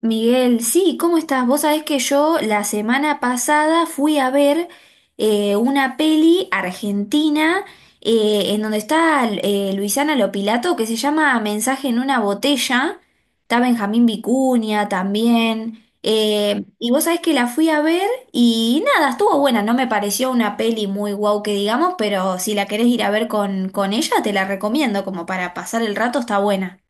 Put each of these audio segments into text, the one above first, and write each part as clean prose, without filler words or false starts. Miguel, sí, ¿cómo estás? Vos sabés que yo la semana pasada fui a ver una peli argentina en donde está Luisana Lopilato que se llama Mensaje en una botella. Está Benjamín Vicuña también. Y vos sabés que la fui a ver y nada, estuvo buena. No me pareció una peli muy guau que digamos, pero si la querés ir a ver con ella, te la recomiendo como para pasar el rato, está buena.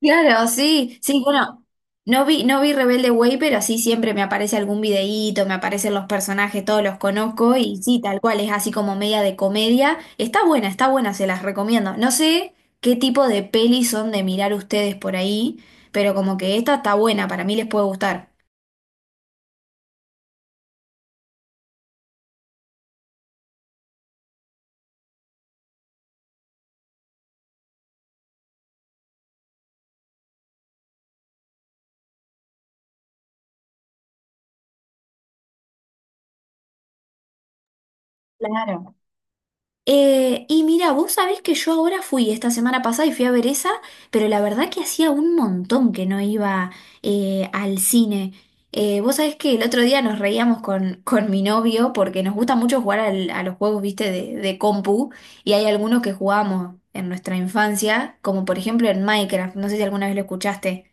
Claro, sí, sí, bueno, no vi Rebelde Way, pero sí siempre me aparece algún videíto, me aparecen los personajes, todos los conozco y sí, tal cual, es así como media de comedia. Está buena, se las recomiendo. No sé qué tipo de pelis son de mirar ustedes por ahí, pero como que esta está buena, para mí les puede gustar. Claro. Y mira, vos sabés que yo ahora fui esta semana pasada y fui a ver esa, pero la verdad que hacía un montón que no iba al cine. Vos sabés que el otro día nos reíamos con mi novio porque nos gusta mucho jugar a los juegos, viste, de compu y hay algunos que jugábamos en nuestra infancia, como por ejemplo en Minecraft, no sé si alguna vez lo escuchaste.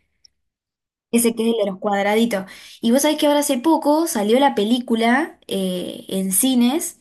Ese que es el de los cuadraditos. Y vos sabés que ahora hace poco salió la película en cines.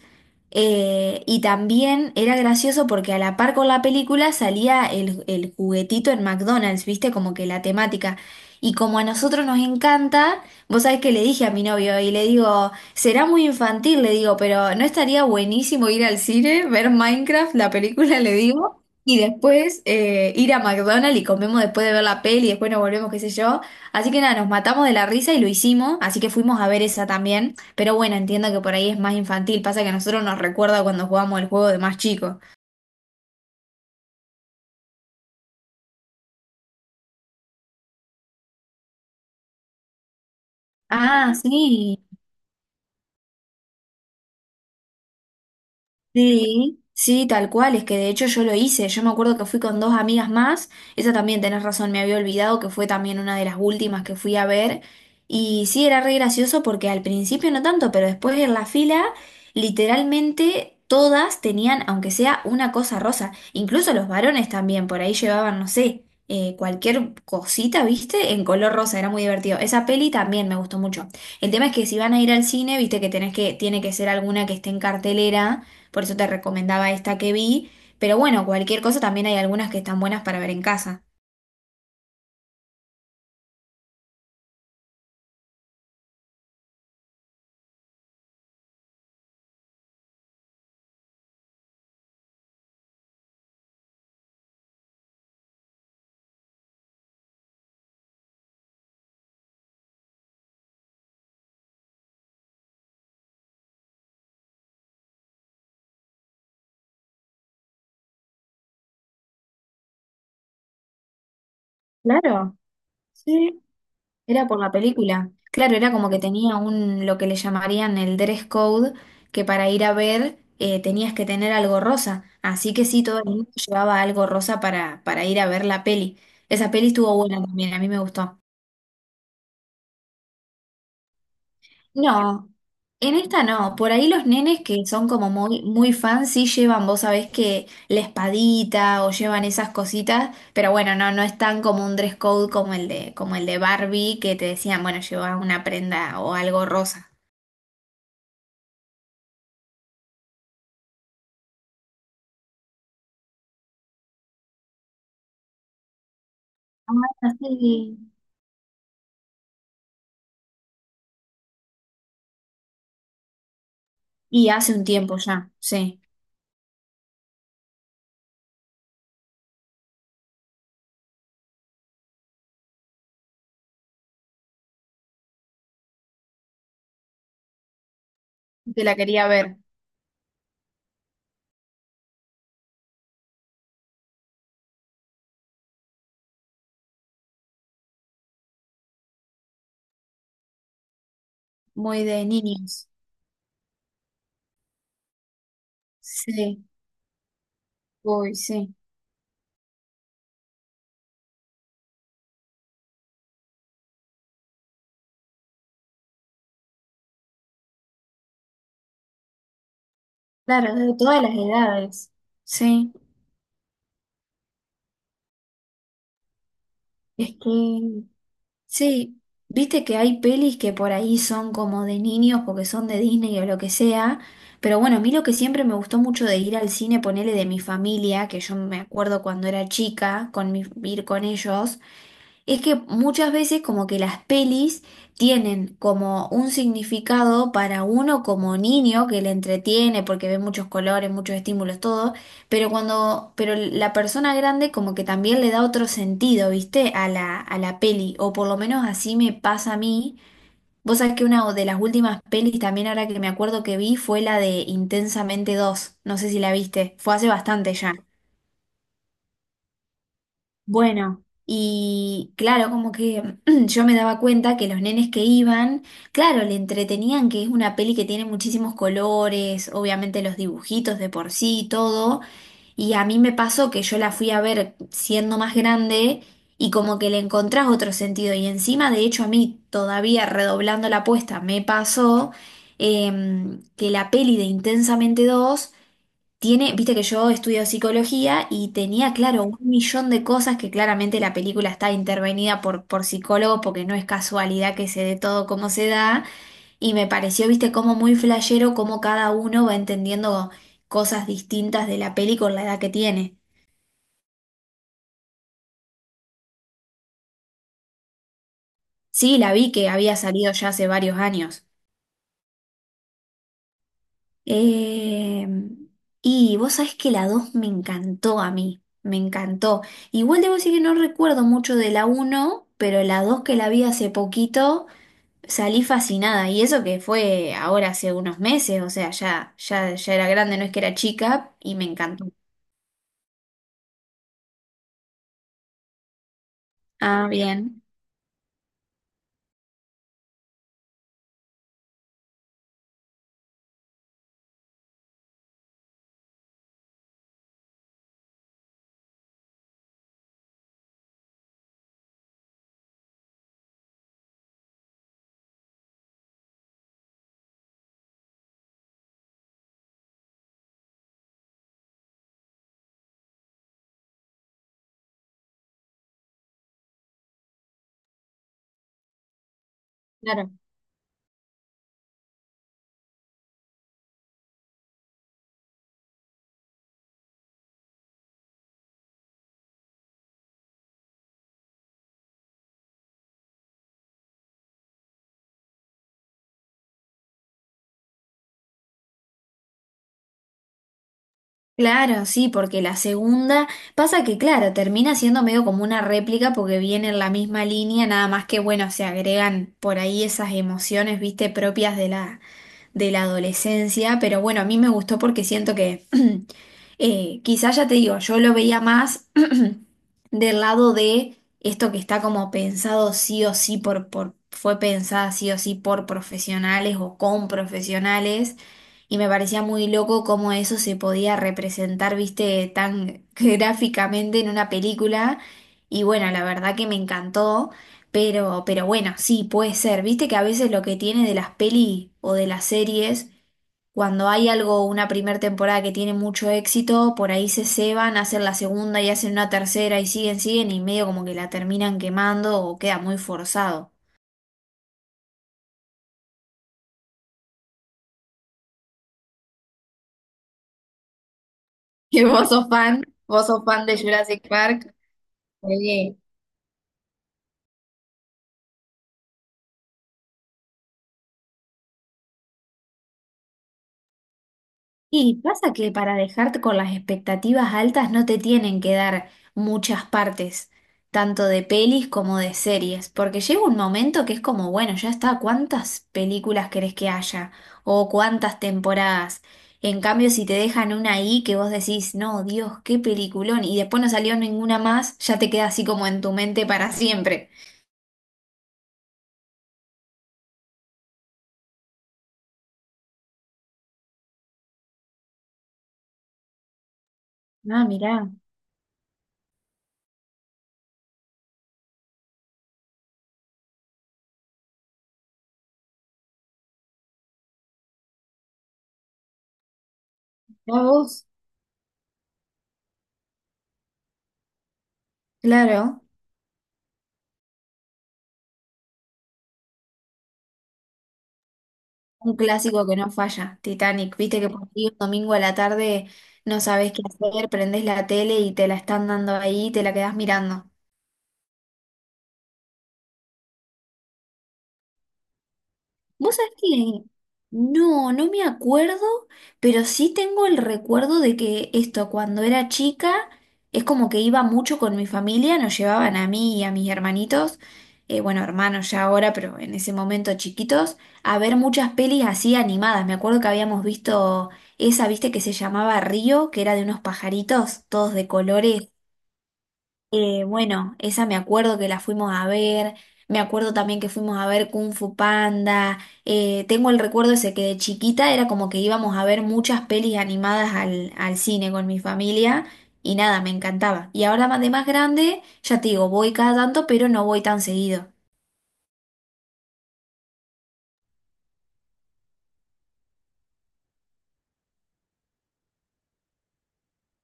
Y también era gracioso porque a la par con la película salía el juguetito en McDonald's, ¿viste? Como que la temática. Y como a nosotros nos encanta, vos sabés que le dije a mi novio y le digo, será muy infantil, le digo, pero ¿no estaría buenísimo ir al cine, ver Minecraft, la película, le digo, y después ir a McDonald's y comemos después de ver la peli y después nos volvemos, qué sé yo? Así que nada, nos matamos de la risa y lo hicimos, así que fuimos a ver esa también. Pero bueno, entiendo que por ahí es más infantil. Pasa que a nosotros nos recuerda cuando jugamos el juego de más chico. Ah, sí. Sí, sí, tal cual, es que de hecho yo lo hice, yo me acuerdo que fui con dos amigas más, esa también tenés razón, me había olvidado que fue también una de las últimas que fui a ver, y sí, era re gracioso porque al principio no tanto, pero después en la fila, literalmente todas tenían, aunque sea una cosa rosa, incluso los varones también, por ahí llevaban, no sé, cualquier cosita, ¿viste? En color rosa, era muy divertido. Esa peli también me gustó mucho. El tema es que si van a ir al cine, viste que tenés que, tiene que ser alguna que esté en cartelera por eso te recomendaba esta que vi. Pero bueno, cualquier cosa también hay algunas que están buenas para ver en casa. Claro, sí, era por la película. Claro, era como que tenía un, lo que le llamarían el dress code, que para ir a ver tenías que tener algo rosa. Así que sí, todo el mundo llevaba algo rosa para ir a ver la peli. Esa peli estuvo buena también, a mí me gustó. No, en esta no. Por ahí los nenes que son como muy, muy fans sí llevan, vos sabés que la espadita o llevan esas cositas, pero bueno, no, no es tan como un dress code como el de Barbie, que te decían, bueno, lleva una prenda o algo rosa. Ah, sí. Y hace un tiempo ya, sí, que la quería ver, muy de niños. Sí, uy, sí. Claro, de todas las edades. Sí, es que sí, viste que hay pelis que por ahí son como de niños porque son de Disney o lo que sea, pero bueno, a mí lo que siempre me gustó mucho de ir al cine, ponerle de mi familia, que yo me acuerdo cuando era chica, con mi, ir con ellos. Es que muchas veces como que las pelis tienen como un significado para uno como niño que le entretiene porque ve muchos colores, muchos estímulos, todo, pero cuando, pero la persona grande como que también le da otro sentido, ¿viste? A la peli, o por lo menos así me pasa a mí. Vos sabés que una de las últimas pelis también ahora que me acuerdo que vi fue la de Intensamente dos no sé si la viste, fue hace bastante ya. Bueno, y claro, como que yo me daba cuenta que los nenes que iban, claro, le entretenían que es una peli que tiene muchísimos colores, obviamente los dibujitos de por sí y todo, y a mí me pasó que yo la fui a ver siendo más grande y como que le encontrás otro sentido, y encima, de hecho, a mí todavía redoblando la apuesta me pasó que la peli de Intensamente dos tiene, viste que yo estudio psicología y tenía, claro, un millón de cosas que claramente la película está intervenida por psicólogos porque no es casualidad que se dé todo como se da. Y me pareció, viste, como muy flashero como cada uno va entendiendo cosas distintas de la peli con la edad que tiene. Sí, la vi que había salido ya hace varios años. Eh, y vos sabés que la 2 me encantó a mí, me encantó. Igual debo decir que no recuerdo mucho de la uno, pero la 2 que la vi hace poquito salí fascinada. Y eso que fue ahora hace unos meses, o sea, ya, ya, ya era grande, no es que era chica, y me encantó. Ah, bien. Claro. Claro, sí, porque la segunda pasa que, claro, termina siendo medio como una réplica porque viene en la misma línea, nada más que, bueno, se agregan por ahí esas emociones, viste, propias de la adolescencia, pero bueno, a mí me gustó porque siento que quizás ya te digo, yo lo veía más del lado de esto que está como pensado sí o sí fue pensada sí o sí por profesionales o con profesionales, y me parecía muy loco cómo eso se podía representar, viste, tan gráficamente en una película, y bueno, la verdad que me encantó, pero bueno, sí, puede ser, viste que a veces lo que tiene de las peli o de las series cuando hay algo, una primera temporada que tiene mucho éxito, por ahí se ceban, hacen la segunda y hacen una tercera y siguen, siguen y medio como que la terminan quemando o queda muy forzado. ¿Y vos sos fan? ¿Vos sos fan de Jurassic Park? Sí. Y pasa que para dejarte con las expectativas altas no te tienen que dar muchas partes, tanto de pelis como de series, porque llega un momento que es como, bueno, ya está, ¿cuántas películas querés que haya? O cuántas temporadas. En cambio, si te dejan una ahí que vos decís, no, Dios, qué peliculón, y después no salió ninguna más, ya te queda así como en tu mente para siempre. Ah, mirá, ya vos. Claro. Un clásico que no falla, Titanic. Viste que por ahí un domingo a la tarde no sabes qué hacer, prendés la tele y te la están dando ahí y te la quedás mirando. Vos sabés que no, no me acuerdo, pero sí tengo el recuerdo de que esto, cuando era chica, es como que iba mucho con mi familia, nos llevaban a mí y a mis hermanitos, bueno, hermanos ya ahora, pero en ese momento chiquitos, a ver muchas pelis así animadas. Me acuerdo que habíamos visto esa, viste, que se llamaba Río, que era de unos pajaritos, todos de colores bueno, esa me acuerdo que la fuimos a ver, me acuerdo también que fuimos a ver Kung Fu Panda, tengo el recuerdo ese que de chiquita era como que íbamos a ver muchas pelis animadas al cine con mi familia y nada, me encantaba. Y ahora más de más grande, ya te digo, voy cada tanto, pero no voy tan seguido.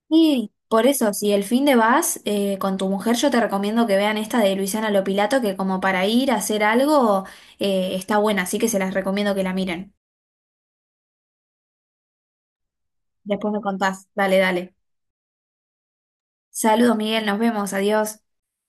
Y por eso, si el fin de vas con tu mujer, yo te recomiendo que vean esta de Luisana Lopilato, que como para ir a hacer algo está buena, así que se las recomiendo que la miren. Después me contás, dale, dale. Saludos, Miguel, nos vemos, adiós.